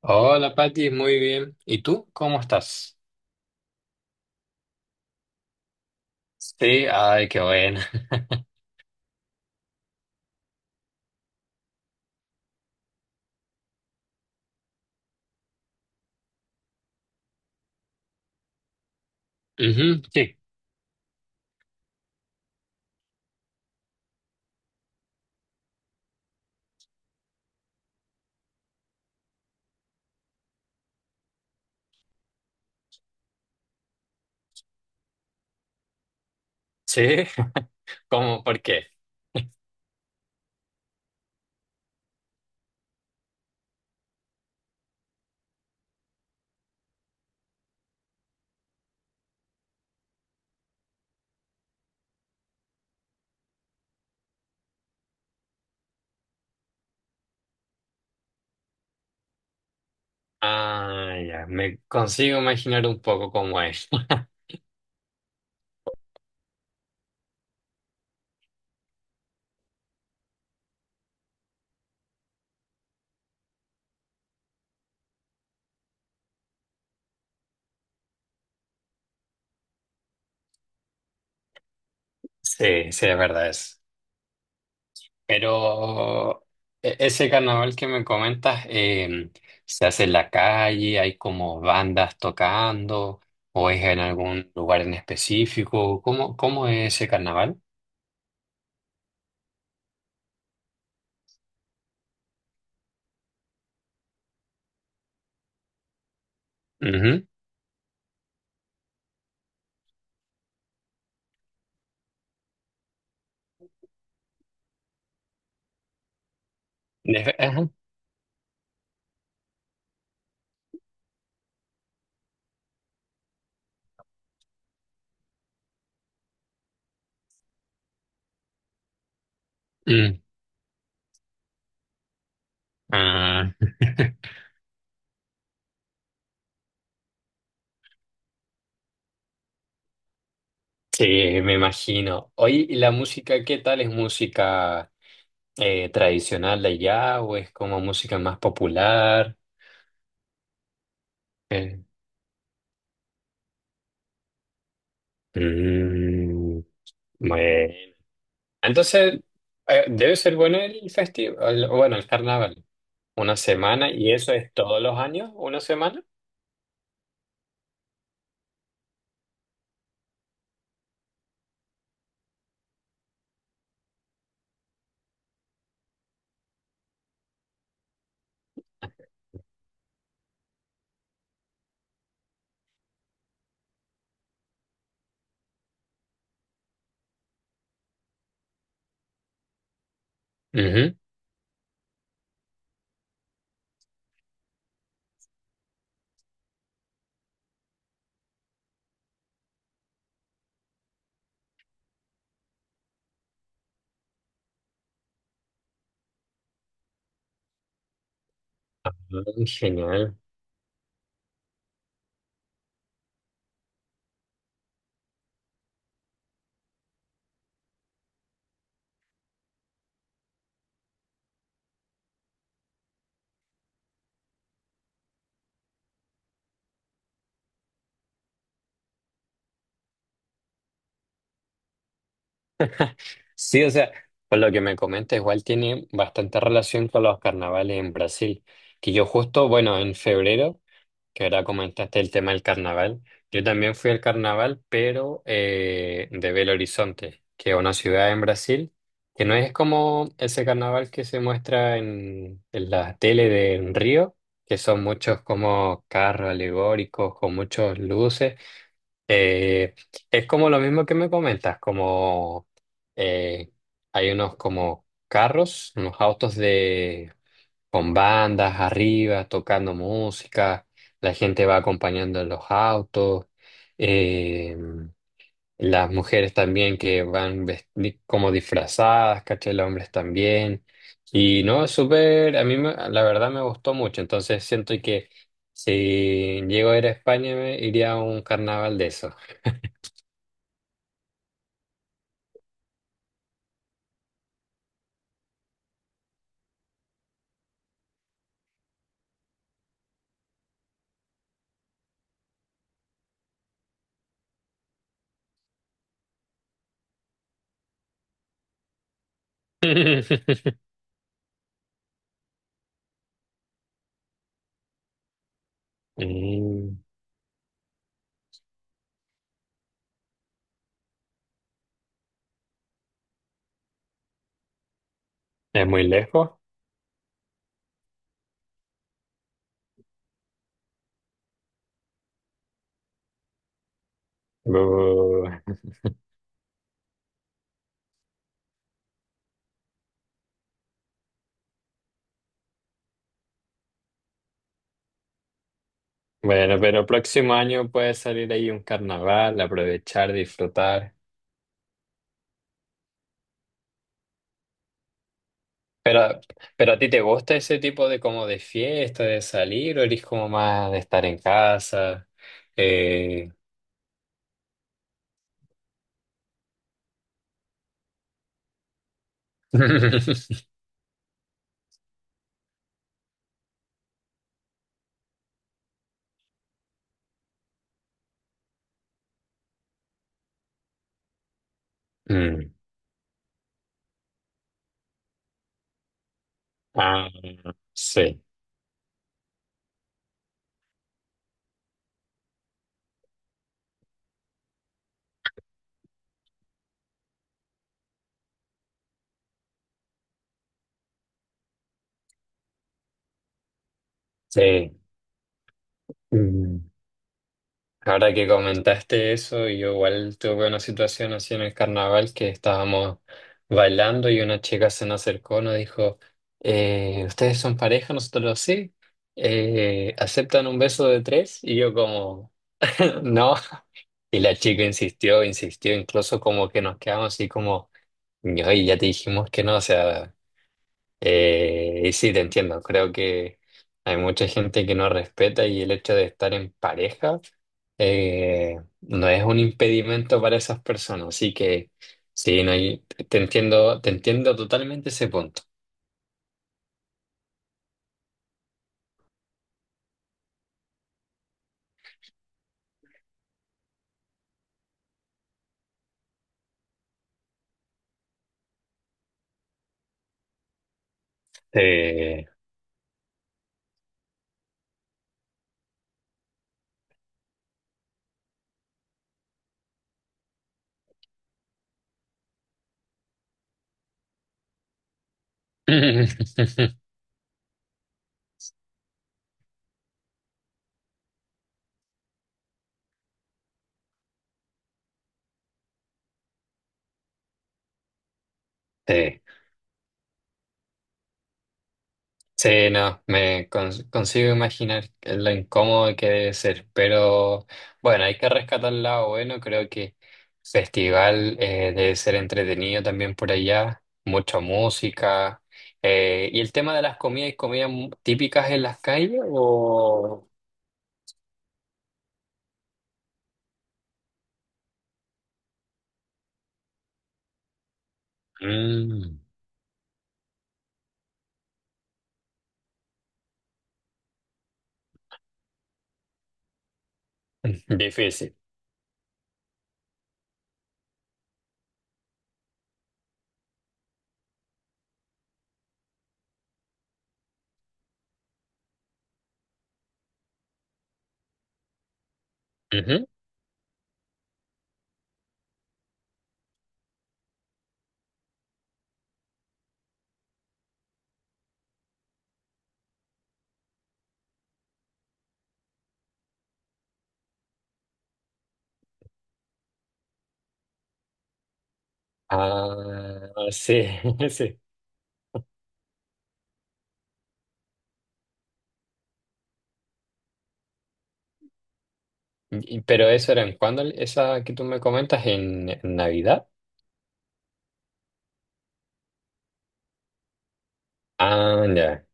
Hola Pati, muy bien. ¿Y tú? ¿Cómo estás? Sí, ay, qué bueno. Ujú, sí, sí. ¿Cómo? ¿Por qué? Ah, ya, me consigo imaginar un poco cómo es. Sí, sí, es verdad es. Pero ese carnaval que me comentas, ¿se hace en la calle? ¿Hay como bandas tocando? ¿O es en algún lugar en específico? ¿Cómo es ese carnaval? Ujú. Ajá. Mm. Ah. Sí, me imagino. Oye, ¿y la música qué tal? ¿Es música tradicional de allá o es como música más popular? Eh, mm, bueno. Entonces, debe ser bueno el festival, bueno, el carnaval. Una semana, y eso es todos los años, una semana. Ujú. Mm, genial. Sí, o sea, por lo que me comenta, igual tiene bastante relación con los carnavales en Brasil, que yo justo, bueno, en febrero. Que ahora comentaste el tema del carnaval. Yo también fui al carnaval, pero de Belo Horizonte, que es una ciudad en Brasil, que no es como ese carnaval que se muestra en la tele de en Río, que son muchos como carros alegóricos con muchas luces. Eh, es como lo mismo que me comentas, como eh, hay unos como carros, unos autos de con bandas arriba, tocando música, la gente va acompañando en los autos, eh, las mujeres también que van como disfrazadas, ¿cachai? Los hombres también. Y no, es súper, la verdad me gustó mucho, entonces siento que si llego a ir a España me iría a un carnaval de eso. Mm, es muy lejos. Uh. Bueno, pero próximo año puede salir ahí un carnaval, aprovechar, disfrutar. Pero, pero ¿a ti te gusta ese tipo de como de fiesta, de salir, o eres como más de estar en casa? Eh... Mm. Ah, sí, sí. Mm. Ahora que comentaste eso, yo igual tuve una situación así en el carnaval que estábamos bailando y una chica se nos acercó, nos dijo, ¿ustedes son pareja? Nosotros sí. ¿Aceptan un beso de tres? Y yo como, no. Y la chica insistió, insistió, incluso como que nos quedamos así como, "Ay, ya te dijimos que no, o sea... Y sí, te entiendo, creo que hay mucha gente que no respeta y el hecho de estar en pareja eh, no es un impedimento para esas personas, así que sí, no hay- te entiendo totalmente ese punto. Eh, sí. Sí, no, consigo imaginar lo incómodo que debe ser, pero bueno, hay que rescatar el lado bueno, creo que festival debe ser entretenido también por allá, mucha música, y el tema de las comidas y comidas típicas en las calles o... Mm, difícil. Ujú. Ah, sí, sí. Pero eso era en cuándo, esa que tú me comentas, en Navidad. Ah, ya.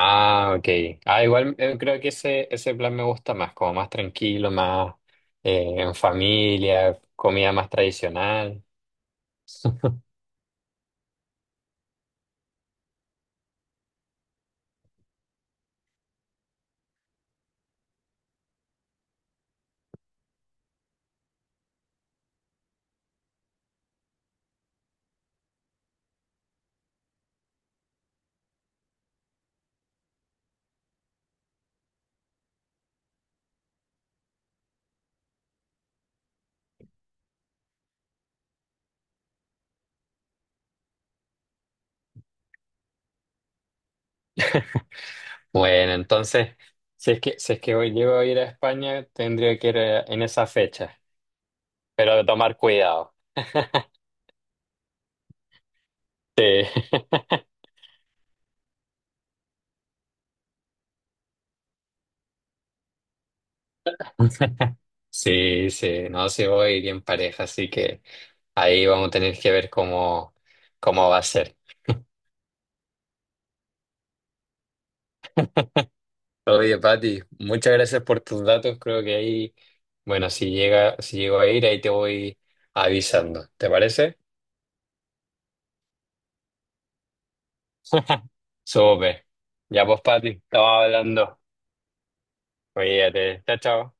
Ah, ok. Ah, igual creo que ese plan me gusta más, como más tranquilo, más en familia, comida más tradicional. Bueno, entonces, si es que hoy llego a ir a España, tendría que ir en esa fecha, pero de tomar cuidado. Sí, sí, sí, no, si voy a ir en pareja, así que ahí vamos a tener que ver cómo, cómo va a ser. Oye, Pati, muchas gracias por tus datos. Creo que ahí, bueno, si llego a ir, ahí te voy avisando. ¿Te parece? Súper. Ya pues, Pati, estaba hablando. Cuídate. Chao, chao.